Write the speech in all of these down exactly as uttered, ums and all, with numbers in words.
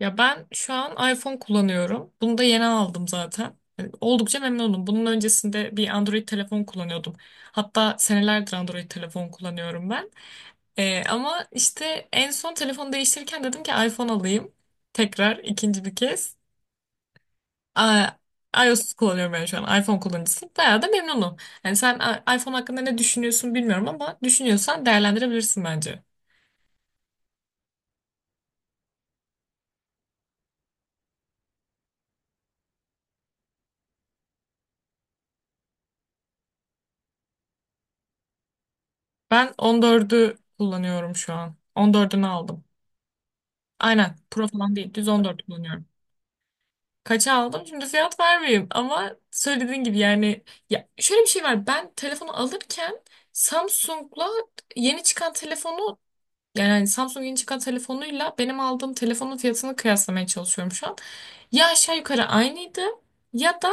Ya ben şu an iPhone kullanıyorum. Bunu da yeni aldım zaten. Yani oldukça memnunum. Bunun öncesinde bir Android telefon kullanıyordum. Hatta senelerdir Android telefon kullanıyorum ben. Ee, ama işte en son telefonu değiştirirken dedim ki iPhone alayım. Tekrar ikinci bir kez. Aa, iOS kullanıyorum ben şu an. iPhone kullanıcısıyım. Bayağı da memnunum. Yani sen a- iPhone hakkında ne düşünüyorsun bilmiyorum ama düşünüyorsan değerlendirebilirsin bence. Ben on dördü kullanıyorum şu an. on dördünü aldım. Aynen. Pro falan değil. Düz on dört kullanıyorum. Kaça aldım? Şimdi fiyat vermeyeyim ama söylediğin gibi yani ya şöyle bir şey var. Ben telefonu alırken Samsung'la yeni çıkan telefonu yani hani Samsung yeni çıkan telefonuyla benim aldığım telefonun fiyatını kıyaslamaya çalışıyorum şu an. Ya aşağı yukarı aynıydı ya da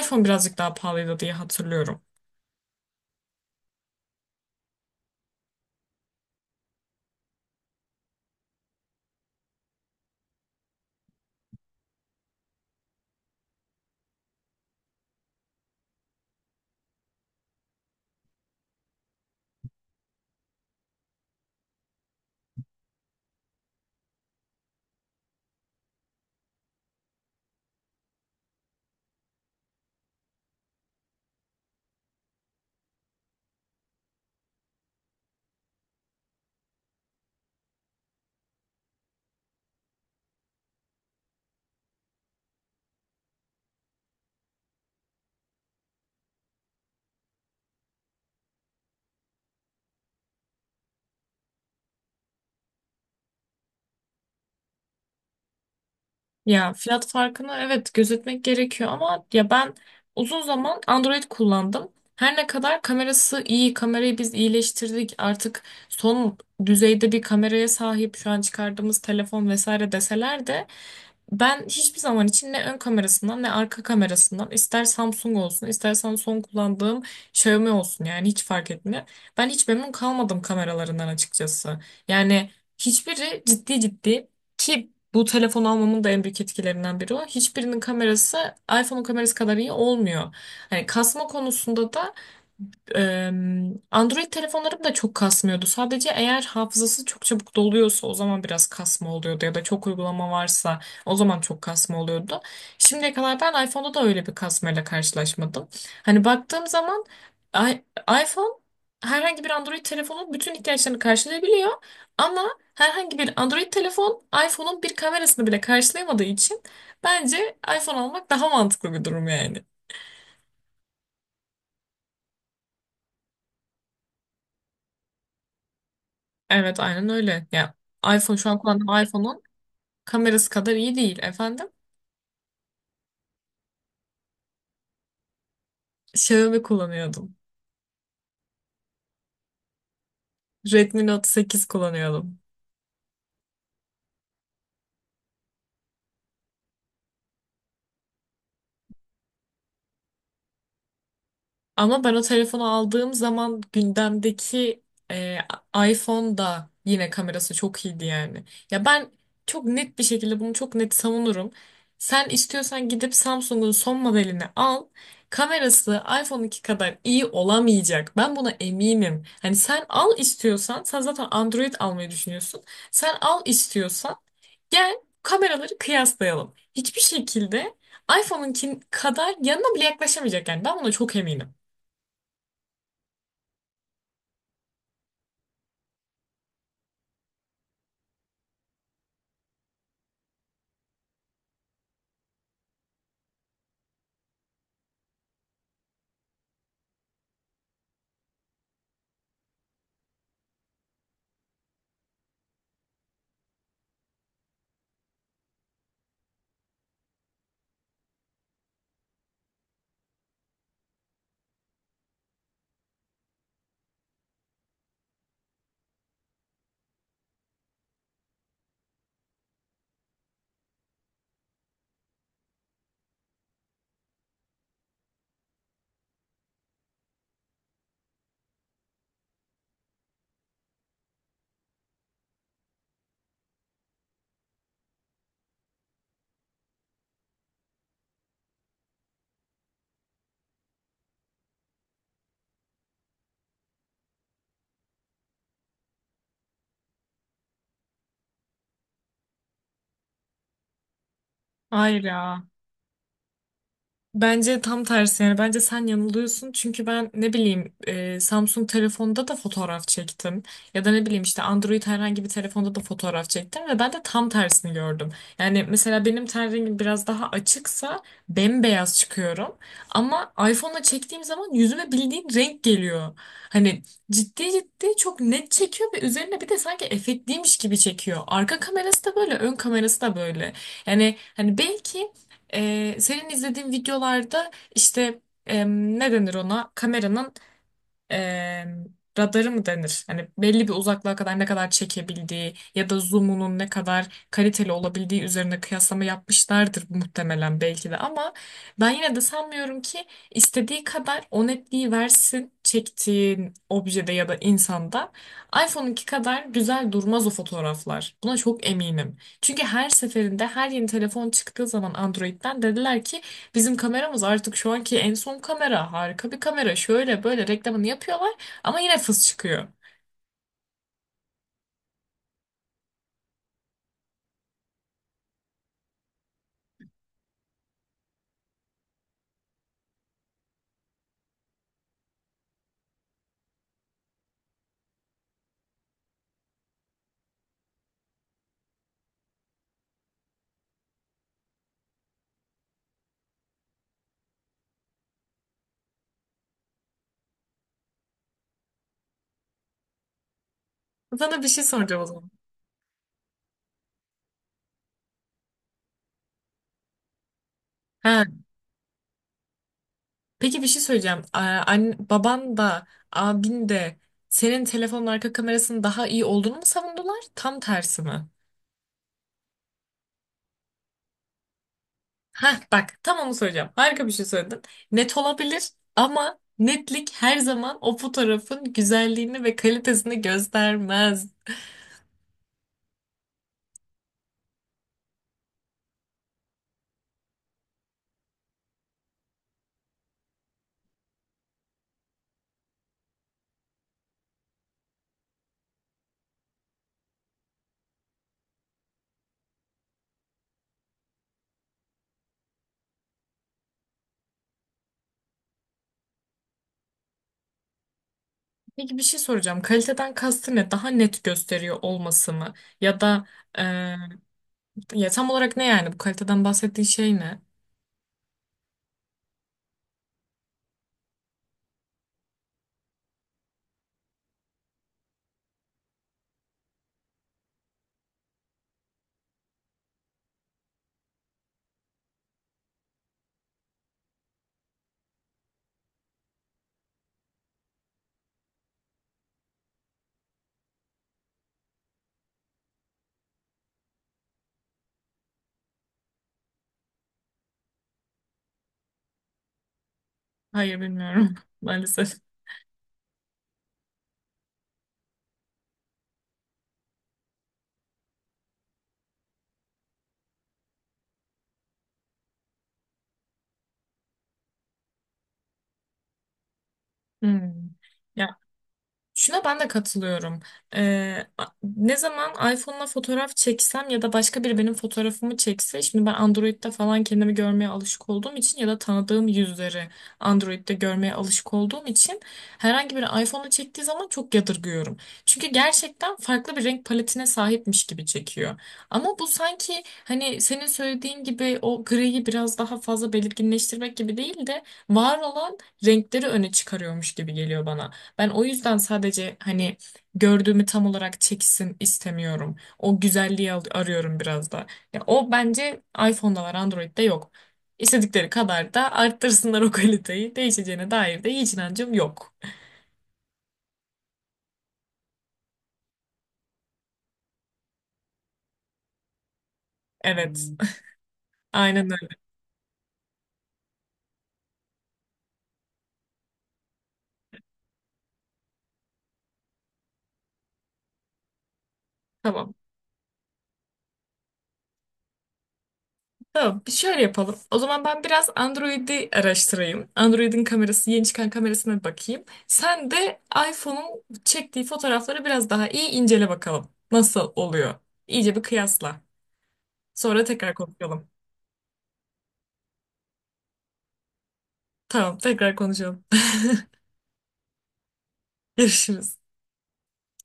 iPhone birazcık daha pahalıydı diye hatırlıyorum. Ya fiyat farkını evet gözetmek gerekiyor ama ya ben uzun zaman Android kullandım. Her ne kadar kamerası iyi, kamerayı biz iyileştirdik. Artık son düzeyde bir kameraya sahip şu an çıkardığımız telefon vesaire deseler de ben hiçbir zaman için ne ön kamerasından ne arka kamerasından ister Samsung olsun istersen son kullandığım Xiaomi olsun yani hiç fark etmiyor. Ben hiç memnun kalmadım kameralarından açıkçası. Yani hiçbiri ciddi ciddi ki bu telefon almamın da en büyük etkilerinden biri o. Hiçbirinin kamerası iPhone'un kamerası kadar iyi olmuyor. Hani kasma konusunda da Eee, Android telefonlarım da çok kasmıyordu. Sadece eğer hafızası çok çabuk doluyorsa o zaman biraz kasma oluyordu ya da çok uygulama varsa o zaman çok kasma oluyordu. Şimdiye kadar ben iPhone'da da öyle bir kasmayla karşılaşmadım. Hani baktığım zaman i- iPhone herhangi bir Android telefonun bütün ihtiyaçlarını karşılayabiliyor ama herhangi bir Android telefon iPhone'un bir kamerasını bile karşılayamadığı için bence iPhone almak daha mantıklı bir durum yani. Evet aynen öyle. Ya iPhone şu an kullandığım iPhone'un kamerası kadar iyi değil efendim. Xiaomi kullanıyordum. Redmi Note sekiz kullanıyordum. Ama ben o telefonu aldığım zaman gündemdeki e, iPhone da yine kamerası çok iyiydi yani. Ya ben çok net bir şekilde bunu çok net savunurum. Sen istiyorsan gidip Samsung'un son modelini al. Kamerası iPhone iki kadar iyi olamayacak. Ben buna eminim. Hani sen al istiyorsan, sen zaten Android almayı düşünüyorsun. Sen al istiyorsan gel kameraları kıyaslayalım. Hiçbir şekilde iPhone'unkin kadar yanına bile yaklaşamayacak yani. Ben buna çok eminim. Hayır ya. Bence tam tersi yani bence sen yanılıyorsun çünkü ben ne bileyim e, Samsung telefonda da fotoğraf çektim ya da ne bileyim işte Android herhangi bir telefonda da fotoğraf çektim ve ben de tam tersini gördüm. Yani mesela benim ten rengim biraz daha açıksa bembeyaz çıkıyorum ama iPhone'la çektiğim zaman yüzüme bildiğin renk geliyor. Hani ciddi ciddi çok net çekiyor ve üzerine bir de sanki efektliymiş gibi çekiyor. Arka kamerası da böyle ön kamerası da böyle. Yani hani belki ee, senin izlediğin videolarda işte em, ne denir ona? Kameranın e, radarı mı denir? Hani belli bir uzaklığa kadar ne kadar çekebildiği ya da zoom'unun ne kadar kaliteli olabildiği üzerine kıyaslama yapmışlardır muhtemelen belki de ama ben yine de sanmıyorum ki istediği kadar o netliği versin çektiğin objede ya da insanda iPhone'unki kadar güzel durmaz o fotoğraflar. Buna çok eminim. Çünkü her seferinde her yeni telefon çıktığı zaman Android'den dediler ki bizim kameramız artık şu anki en son kamera. Harika bir kamera. Şöyle böyle reklamını yapıyorlar ama yine fıs çıkıyor. Sana bir şey soracağım o zaman. Ha, peki bir şey söyleyeceğim. Aa, an- baban da abin de senin telefonun arka kamerasının daha iyi olduğunu mu savundular? Tam tersi mi? Ha bak tam onu söyleyeceğim. Harika bir şey söyledin. Net olabilir ama netlik her zaman o fotoğrafın güzelliğini ve kalitesini göstermez. Peki bir şey soracağım. Kaliteden kastı ne? Daha net gösteriyor olması mı? Ya da e, ya tam olarak ne yani? Bu kaliteden bahsettiği şey ne? Hayır bilmiyorum maalesef. Hmm. Şuna ben de katılıyorum. Ee, a- ne zaman iPhone'la fotoğraf çeksem ya da başka biri benim fotoğrafımı çekse, şimdi ben Android'de falan kendimi görmeye alışık olduğum için ya da tanıdığım yüzleri Android'de görmeye alışık olduğum için herhangi biri iPhone'la çektiği zaman çok yadırgıyorum. Çünkü gerçekten farklı bir renk paletine sahipmiş gibi çekiyor. Ama bu sanki hani senin söylediğin gibi o griyi biraz daha fazla belirginleştirmek gibi değil de var olan renkleri öne çıkarıyormuş gibi geliyor bana. Ben o yüzden sadece hani gördüğümü tam olarak çeksin istemiyorum. O güzelliği al- arıyorum biraz da. Ya o bence iPhone'da var, Android'de yok. İstedikleri kadar da arttırsınlar o kaliteyi. Değişeceğine dair de hiç inancım yok. Evet. Aynen öyle. Tamam. Tamam. Bir şöyle yapalım. O zaman ben biraz Android'i araştırayım. Android'in kamerası, yeni çıkan kamerasına bir bakayım. Sen de iPhone'un çektiği fotoğrafları biraz daha iyi incele bakalım. Nasıl oluyor? İyice bir kıyasla. Sonra tekrar konuşalım. Tamam, tekrar konuşalım. Görüşürüz.